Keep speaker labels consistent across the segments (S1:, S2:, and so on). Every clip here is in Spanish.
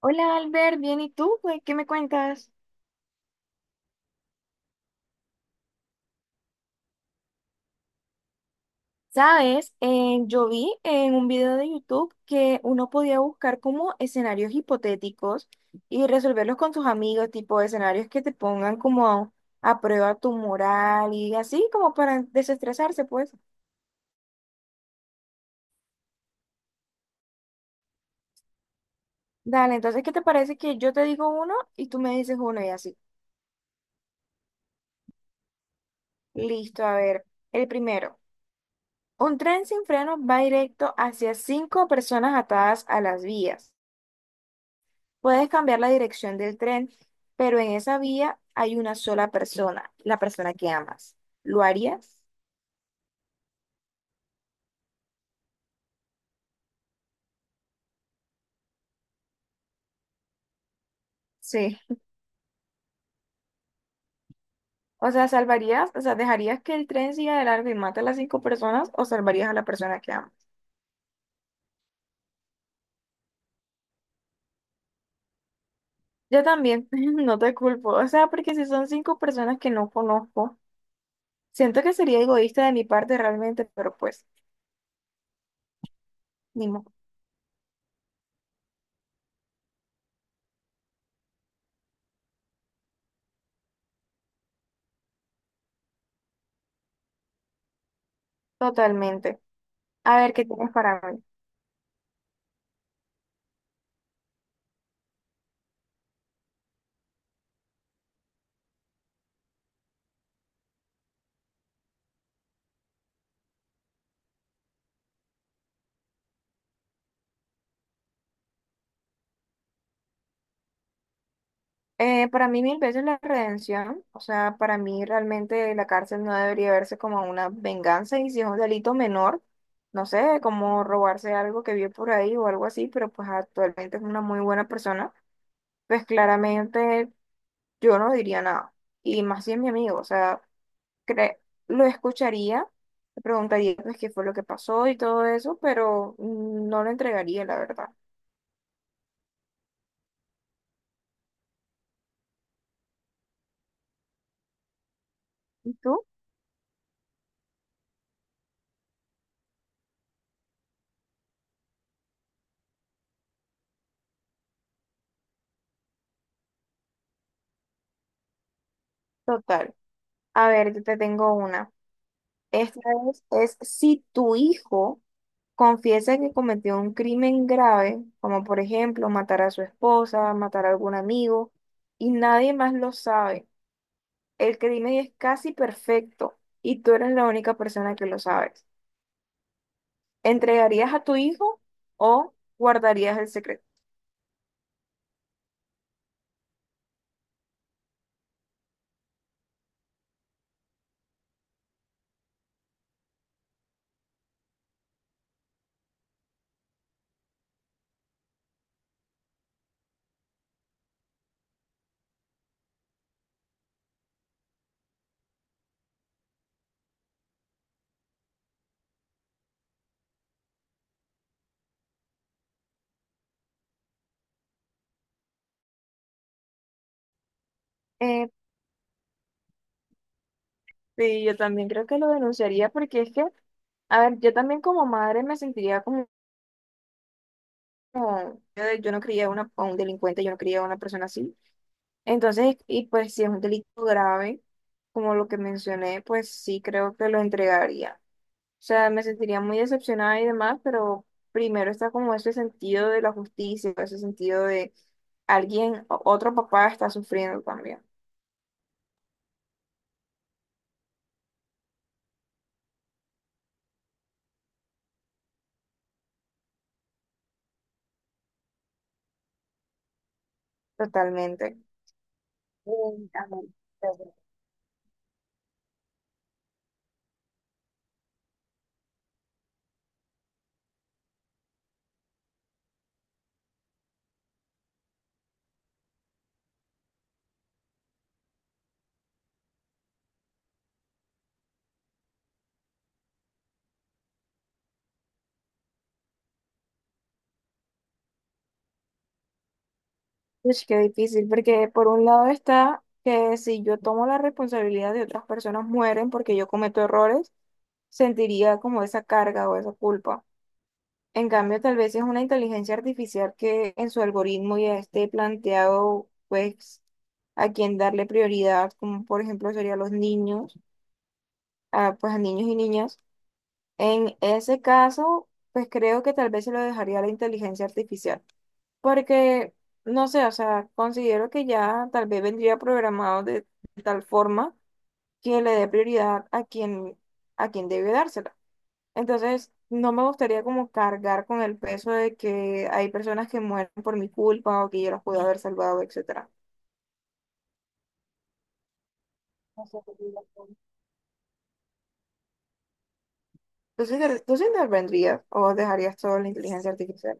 S1: Hola Albert, bien, ¿y tú? Pues, ¿qué me cuentas? Sabes, yo vi en un video de YouTube que uno podía buscar como escenarios hipotéticos y resolverlos con tus amigos, tipo escenarios que te pongan como a prueba tu moral y así como para desestresarse, pues. Dale, entonces, ¿qué te parece que yo te digo uno y tú me dices uno y así? Listo, a ver, el primero. Un tren sin freno va directo hacia cinco personas atadas a las vías. Puedes cambiar la dirección del tren, pero en esa vía hay una sola persona, la persona que amas. ¿Lo harías? Sí. O sea, ¿salvarías? O sea, ¿dejarías que el tren siga de largo y mate a las cinco personas o salvarías a la persona que amas? Yo también, no te culpo. O sea, porque si son cinco personas que no conozco, siento que sería egoísta de mi parte realmente, pero pues, ni modo, totalmente. A ver, ¿qué tienes para mí? Para mí mil veces la redención, o sea, para mí realmente la cárcel no debería verse como una venganza y si es un delito menor, no sé, como robarse algo que vio por ahí o algo así, pero pues actualmente es una muy buena persona, pues claramente yo no diría nada. Y más si es mi amigo, o sea, cre- lo escucharía, le preguntaría pues qué fue lo que pasó y todo eso, pero no lo entregaría, la verdad. ¿Y tú? Total. A ver, yo te tengo una. Esta es si tu hijo confiesa que cometió un crimen grave, como por ejemplo matar a su esposa, matar a algún amigo, y nadie más lo sabe. El crimen es casi perfecto y tú eres la única persona que lo sabes. ¿Entregarías a tu hijo o guardarías el secreto? Eh, sí, yo también creo que lo denunciaría porque es que, a ver, yo también como madre me sentiría como, como, yo no crié a una- a un delincuente, yo no crié a una persona así. Entonces, y pues si es un delito grave, como lo que mencioné, pues sí creo que lo entregaría. O sea, me sentiría muy decepcionada y demás, pero primero está como ese sentido de la justicia, ese sentido de alguien, o- otro papá está sufriendo también, totalmente. Mm, a ver, pero- Ush, qué difícil, porque por un lado está que si yo tomo la responsabilidad de otras personas mueren porque yo cometo errores, sentiría como esa carga o esa culpa. En cambio, tal vez es una inteligencia artificial que en su algoritmo ya esté planteado, pues, a quién darle prioridad, como por ejemplo serían los niños, a, pues a niños y niñas. En ese caso, pues creo que tal vez se lo dejaría a la inteligencia artificial, porque, no sé, o sea, considero que ya tal vez vendría programado de tal forma que le dé prioridad a quien debe dársela. Entonces, no me gustaría como cargar con el peso de que hay personas que mueren por mi culpa o que yo los pude haber salvado, etcétera. Entonces, inter- ¿tú sí intervendrías o dejarías todo en la inteligencia artificial?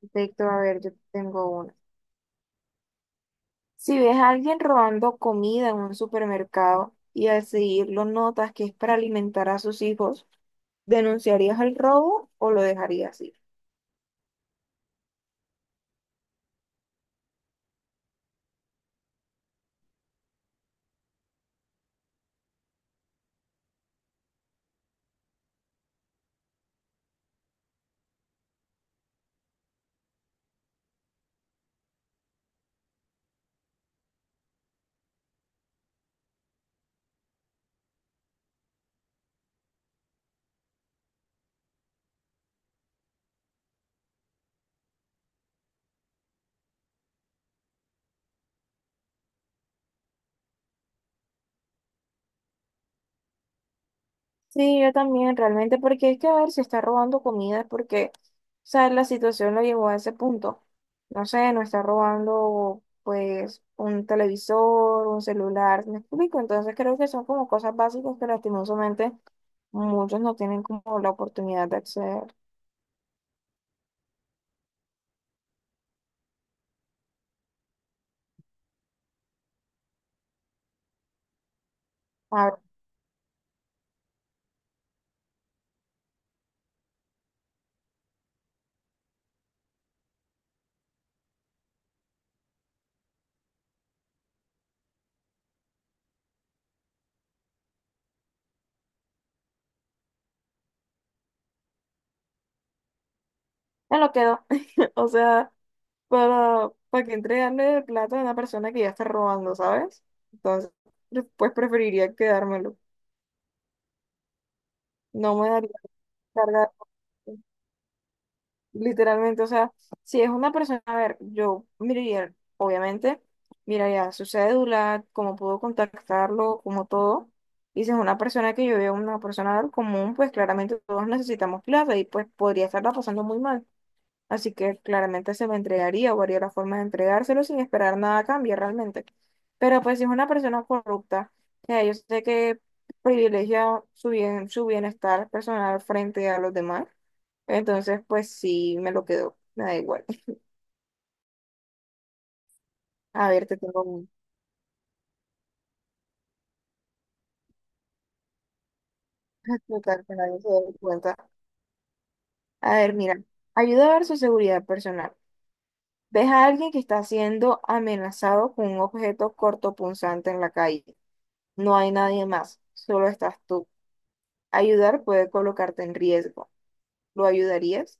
S1: Perfecto, a ver, yo tengo una. Si ves a alguien robando comida en un supermercado y al seguirlo notas que es para alimentar a sus hijos, ¿denunciarías el robo o lo dejarías ir? Sí, yo también, realmente, porque es que a ver si está robando comida, es porque, o sea, la situación lo llevó a ese punto. No sé, no está robando, pues, un televisor, un celular, ¿me explico? Entonces creo que son como cosas básicas que lastimosamente muchos no tienen como la oportunidad de acceder. A ver, me lo quedo. O sea, para que entregarle el plato a una persona que ya está robando, ¿sabes? Entonces, pues preferiría quedármelo. No me daría carga. Literalmente, o sea, si es una persona, a ver, yo miraría, obviamente, miraría su cédula, cómo puedo contactarlo, como todo. Y si es una persona que yo veo, una persona común, pues claramente todos necesitamos plata y pues podría estarla pasando muy mal. Así que claramente se lo entregaría o haría la forma de entregárselo sin esperar nada a cambio realmente. Pero pues si es una persona corrupta, que yo sé que privilegia su bien, su bienestar personal frente a los demás, entonces pues sí me lo quedo, me da igual. A ver, te tengo un explicar que nadie se dé cuenta. A ver, mira, ayuda a ver su seguridad personal. Ves a alguien que está siendo amenazado con un objeto cortopunzante en la calle. No hay nadie más, solo estás tú. Ayudar puede colocarte en riesgo. ¿Lo ayudarías?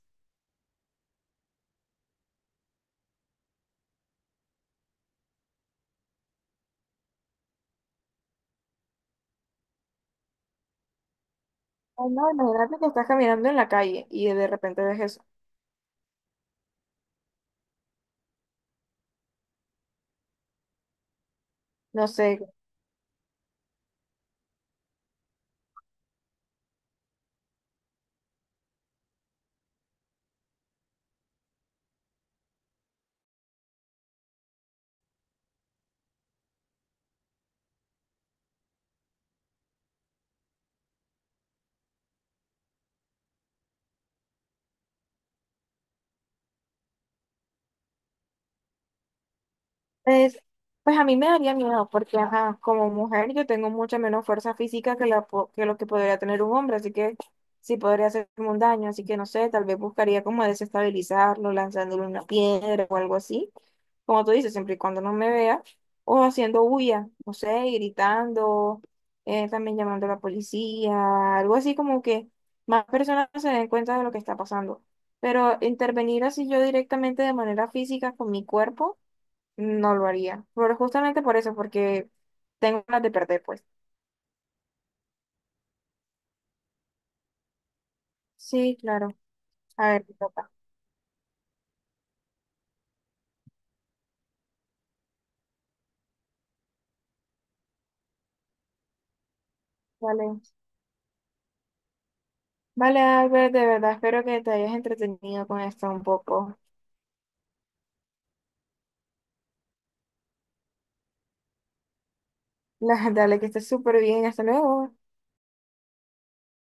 S1: O no, imagínate que estás caminando en la calle y de repente ves eso. No sé. Es, pues a mí me daría miedo porque, ajá, como mujer yo tengo mucha menos fuerza física que, la, po- que lo que podría tener un hombre, así que sí podría hacerme un daño, así que no sé, tal vez buscaría como desestabilizarlo, lanzándole una piedra o algo así, como tú dices, siempre y cuando no me vea, o haciendo bulla, no sé, y gritando, también llamando a la policía, algo así como que más personas se den cuenta de lo que está pasando. Pero intervenir así yo directamente de manera física con mi cuerpo no lo haría. Pero justamente por eso, porque tengo ganas de perder, pues. Sí, claro. A ver, te toca. Vale. Vale, Albert, de verdad, espero que te hayas entretenido con esto un poco. Dale, que estés súper bien. Hasta luego.